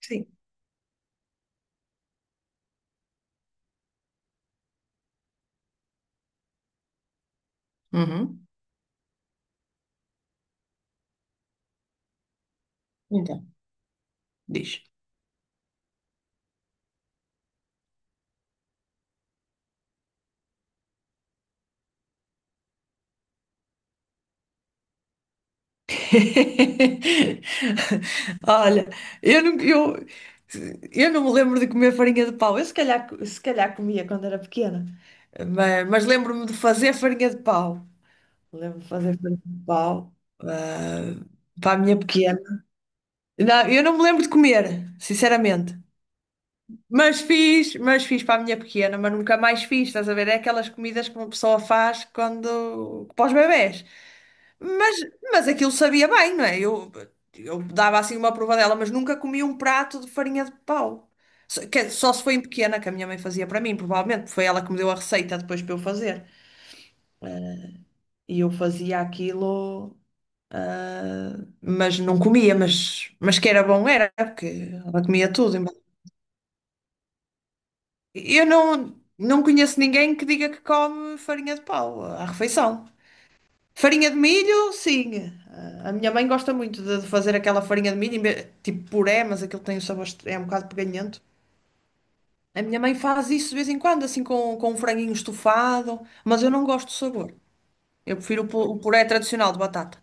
Sim. Uhum. Então, diz. Olha, eu não, eu, eu não me lembro de comer farinha de pau. Eu se calhar comia quando era pequena, mas lembro-me de fazer farinha de pau. Lembro-me de fazer farinha de pau, ah, para a minha pequena. Não, eu não me lembro de comer, sinceramente. Mas fiz para a minha pequena, mas nunca mais fiz. Estás a ver? É aquelas comidas que uma pessoa faz quando, para os bebés. Mas, mas aquilo sabia bem, não é? Eu dava assim uma provadela, mas nunca comi um prato de farinha de pau. Só se foi em pequena, que a minha mãe fazia para mim, provavelmente, porque foi ela que me deu a receita depois para eu fazer. E eu fazia aquilo, mas não comia, mas que era bom era, porque ela comia tudo. Eu não conheço ninguém que diga que come farinha de pau à refeição. Farinha de milho, sim. Ah, a minha mãe gosta muito de fazer aquela farinha de milho, tipo puré, mas aquilo tem o sabor, é um bocado peganhento. A minha mãe faz isso de vez em quando, assim com um franguinho estufado, mas eu não gosto do sabor. Eu prefiro o puré tradicional de batata.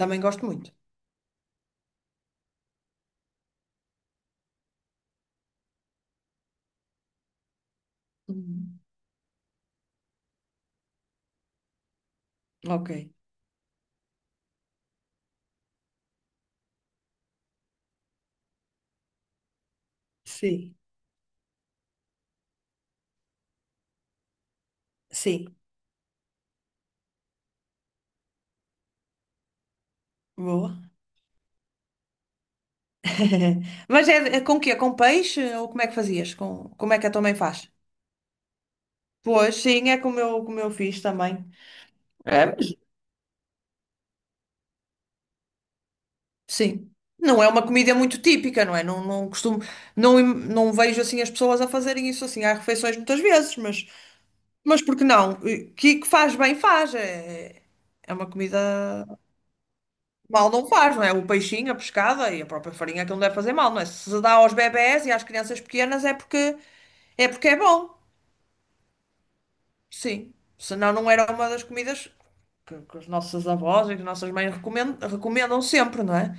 Também gosto muito. Uhum. Ok. Sim, sim. Boa. Mas é com quê? Com peixe? Ou como é que fazias? Como é que a tua mãe faz? Pois, sim, é como eu fiz também. Sim. Não é uma comida muito típica, não é? Não, não costumo, não, não vejo assim as pessoas a fazerem isso assim. Há refeições muitas vezes, mas por que não? Que faz bem, faz. É uma comida mal não faz, não é? O peixinho, a pescada e a própria farinha que não deve fazer mal, não é? Se se dá aos bebés e às crianças pequenas é porque é bom. Sim. Senão não era uma das comidas que os nossos avós e que as nossas mães recomendam sempre, não é?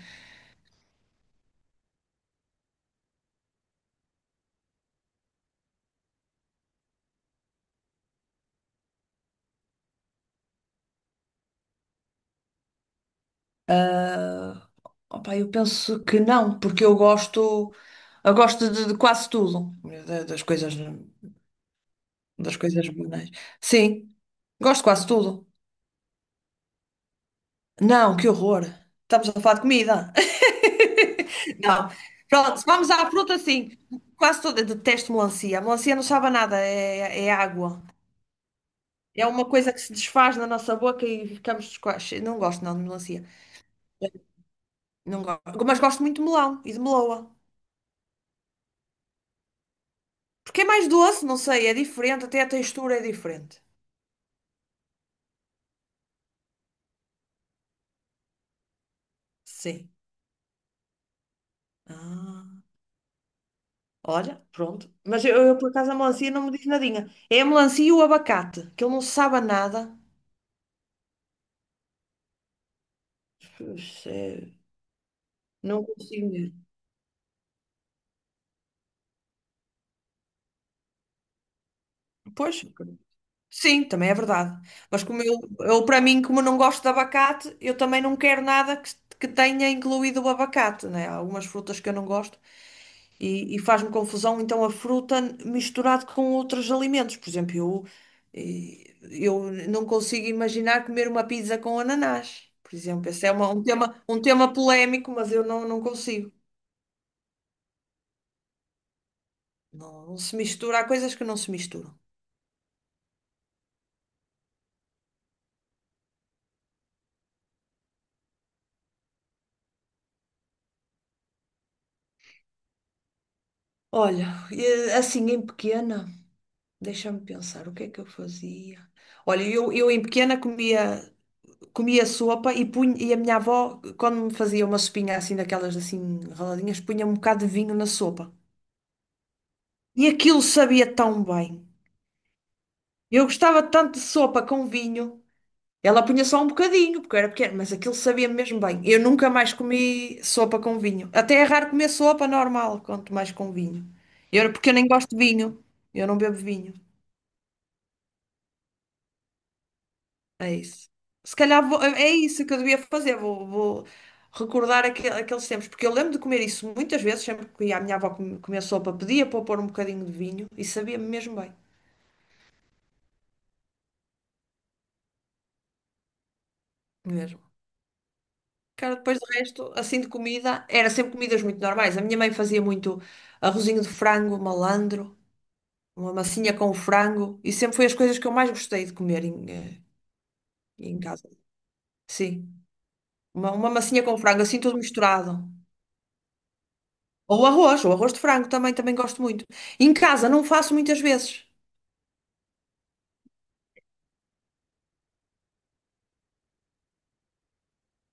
Opa, eu penso que não, porque eu gosto de quase tudo, da- das coisas, das coisas banais. Sim, gosto de quase tudo. Não, que horror. Estamos a falar de comida. Não. Pronto, vamos à fruta, sim. Quase toda, eu detesto melancia. A melancia não sabe a nada, é água. É uma coisa que se desfaz na nossa boca e ficamos descoaches. Não gosto não de melancia. Não gosto. Mas gosto muito de melão e de meloa. Porque é mais doce, não sei, é diferente, até a textura é diferente. Sim. Ah, olha, pronto. Mas por acaso, a melancia não me diz nadinha. É a melancia e o abacate, que ele não sabe a nada. Pois, é, não consigo ver. Pois, sim, também é verdade. Mas como eu para mim, como não gosto de abacate, eu também não quero nada que tenha incluído o abacate, né? Há algumas frutas que eu não gosto. E faz-me confusão então a fruta misturado com outros alimentos. Por exemplo, eu não consigo imaginar comer uma pizza com ananás. Por exemplo, esse é um tema polémico, mas eu não consigo. Não, não se mistura, há coisas que não se misturam. Olha, assim em pequena, deixa-me pensar, o que é que eu fazia? Olha, eu em pequena comia sopa e, punha, e a minha avó, quando me fazia uma sopinha assim, daquelas assim raladinhas, punha um bocado de vinho na sopa. E aquilo sabia tão bem. Eu gostava tanto de sopa com vinho. Ela punha só um bocadinho, porque eu era pequeno mas aquilo sabia mesmo bem. Eu nunca mais comi sopa com vinho. Até é raro comer sopa normal, quanto mais com vinho. Porque eu nem gosto de vinho. Eu não bebo vinho. É isso. Se calhar vou, é isso que eu devia fazer. Vou recordar aqueles tempos. Porque eu lembro de comer isso muitas vezes. Sempre que ia à minha avó comer sopa, pedia para eu pôr um bocadinho de vinho. E sabia mesmo bem. Mesmo. Cara, depois do resto, assim de comida, era sempre comidas muito normais. A minha mãe fazia muito arrozinho de frango, malandro, uma massinha com frango, e sempre foi as coisas que eu mais gostei de comer em casa. Sim, uma massinha com frango, assim tudo misturado. Ou arroz de frango também, também gosto muito. Em casa, não faço muitas vezes.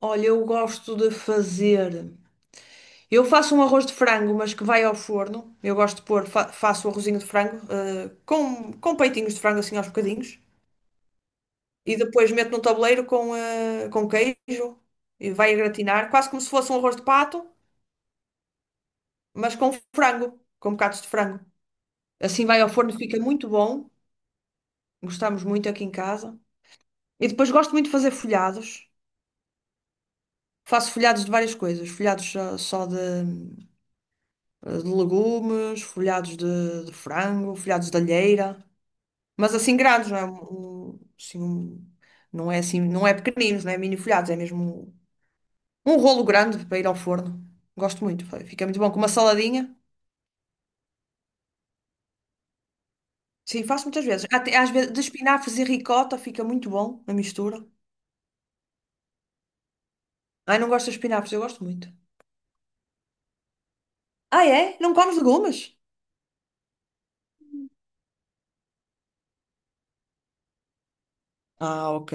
Olha, eu gosto de fazer. Eu faço um arroz de frango, mas que vai ao forno. Eu gosto de pôr, faço o arrozinho de frango, com peitinhos de frango assim aos bocadinhos, e depois mete num tabuleiro com queijo e vai a gratinar, quase como se fosse um arroz de pato, mas com frango, com bocados de frango. Assim vai ao forno, fica muito bom. Gostamos muito aqui em casa. E depois gosto muito de fazer folhados. Faço folhados de várias coisas, folhados só de legumes, folhados de frango, folhados de alheira, mas assim grandes, não é? Um- assim, um- não é assim, não é pequeninos, não é mini folhados, é mesmo um rolo grande para ir ao forno. Gosto muito, fica muito bom. Com uma saladinha. Sim, faço muitas vezes. Até, às vezes, de espinafres e ricota fica muito bom a mistura. Ai, não gosto de espinafres, eu gosto muito. Ah, é? Não comes legumes? Ah, ok.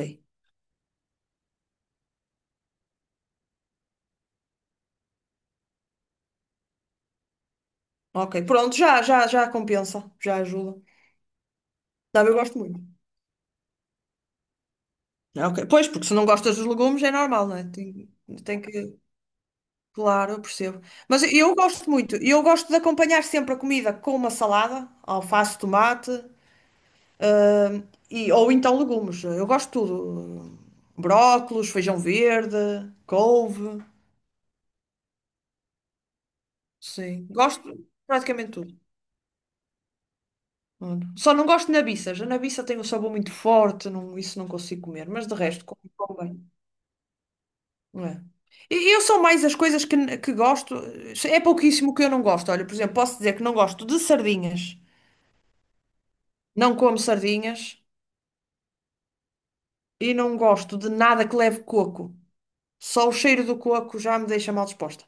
Ok, pronto, já, já, já compensa, já ajuda. Não, eu gosto muito. Ah, ok, pois, porque se não gostas dos legumes é normal, não é? Tem que. Claro, eu percebo. Mas eu gosto muito. Eu gosto de acompanhar sempre a comida com uma salada, alface, tomate. Ah, e, ou então legumes. Eu gosto de tudo. Brócolos, feijão verde, couve. Sim, gosto de praticamente tudo. Olha, só não gosto de nabiças. A nabiça tem um sabor muito forte, não- isso não consigo comer, mas de resto, como como bem. Não é? E eu sou mais as coisas que gosto, é pouquíssimo que eu não gosto. Olha, por exemplo, posso dizer que não gosto de sardinhas, não como sardinhas e não gosto de nada que leve coco. Só o cheiro do coco já me deixa mal disposta.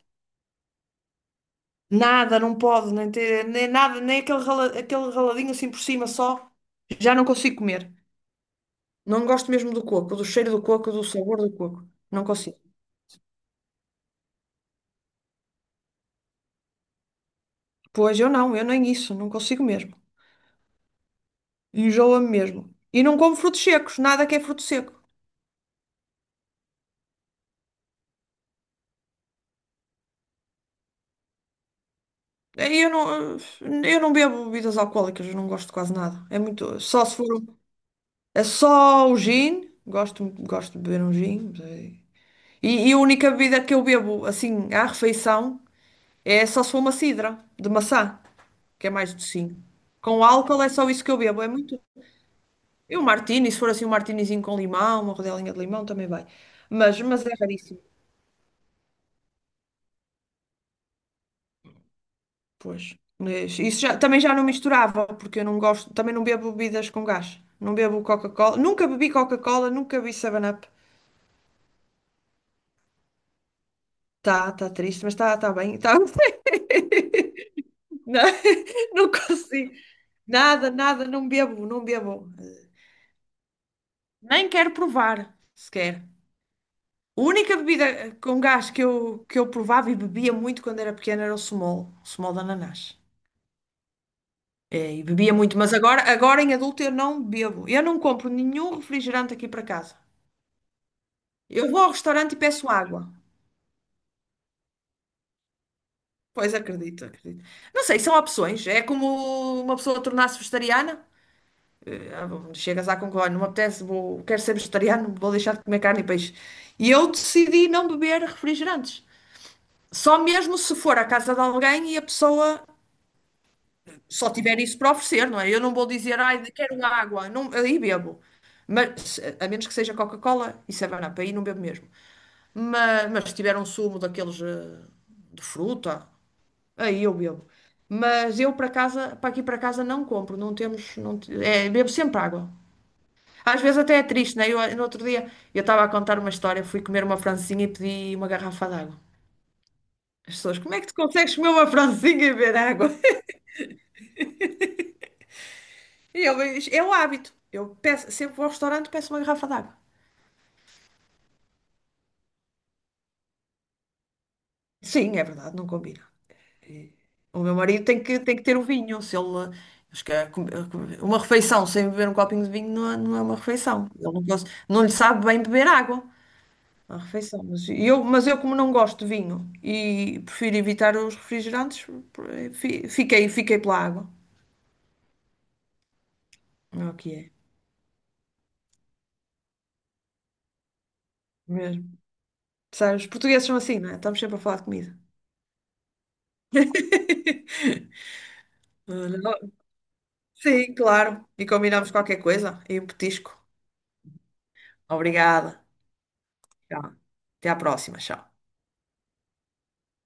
Nada, não pode, nem, ter, nem nada, nem aquele, aquele raladinho assim por cima só. Já não consigo comer. Não gosto mesmo do coco, do cheiro do coco, do sabor do coco. Não consigo. Pois eu não, eu nem isso, não consigo mesmo. Enjoa-me mesmo. E não como frutos secos, nada que é fruto seco. Eh, Eu não, eu não bebo bebidas alcoólicas, eu não gosto de quase nada. É muito, só se for, é só o gin, gosto de beber um gin, E, e a única bebida que eu bebo assim à refeição. É só se for uma sidra de maçã, que é mais docinho. Com álcool é só isso que eu bebo, é muito. E um martini, se for assim um martinizinho com limão, uma rodelinha de limão também vai. Mas é raríssimo. Pois. Mas isso, também já não misturava, porque eu não gosto, também não bebo bebidas com gás. Não bebo Coca-Cola, nunca bebi 7-Up. Tá triste, mas tá bem. Tá. Não, não consigo. Nada, nada, não bebo, não bebo. Nem quero provar, sequer. A única bebida com gás que eu provava e bebia muito quando era pequena era o Smol de ananás. É, e bebia muito, mas agora, agora em adulto eu não bebo. Eu não compro nenhum refrigerante aqui para casa. Eu vou ao restaurante e peço água. Pois acredito, acredito. Não sei, são opções. É como uma pessoa tornar-se vegetariana. Ah, chegas à conclusão, não me apetece, quero ser vegetariano, vou deixar de comer carne e peixe. E eu decidi não beber refrigerantes. Só mesmo se for à casa de alguém e a pessoa só tiver isso para oferecer, não é? Eu não vou dizer, ai, quero água, não, aí bebo. Mas, a menos que seja Coca-Cola e 7-Up, aí não bebo mesmo. Mas se tiver um sumo daqueles de fruta, aí eu bebo. Mas eu para casa, para aqui para casa não compro, não temos, não, te- é, bebo sempre água. Às vezes até é triste, né? No outro dia, eu estava a contar uma história, fui comer uma francesinha e pedi uma garrafa de água. As pessoas, como é que tu consegues comer uma francesinha e beber água? E ele, é o hábito. Eu peço, sempre vou ao restaurante e peço uma garrafa d'água. Sim, é verdade, não combina. O meu marido tem que ter o vinho. Se ele, acho que uma refeição sem beber um copinho de vinho não é, não é uma refeição. Ele não, não lhe sabe bem beber água. Uma refeição. Mas eu, como não gosto de vinho e prefiro evitar os refrigerantes, fiquei pela água. É o que é, mesmo. Sabe, os portugueses são assim, não é? Estamos sempre a falar de comida. Olha, sim, claro. E combinamos qualquer coisa e um petisco. Obrigada. Tchau. Até à próxima. Tchau.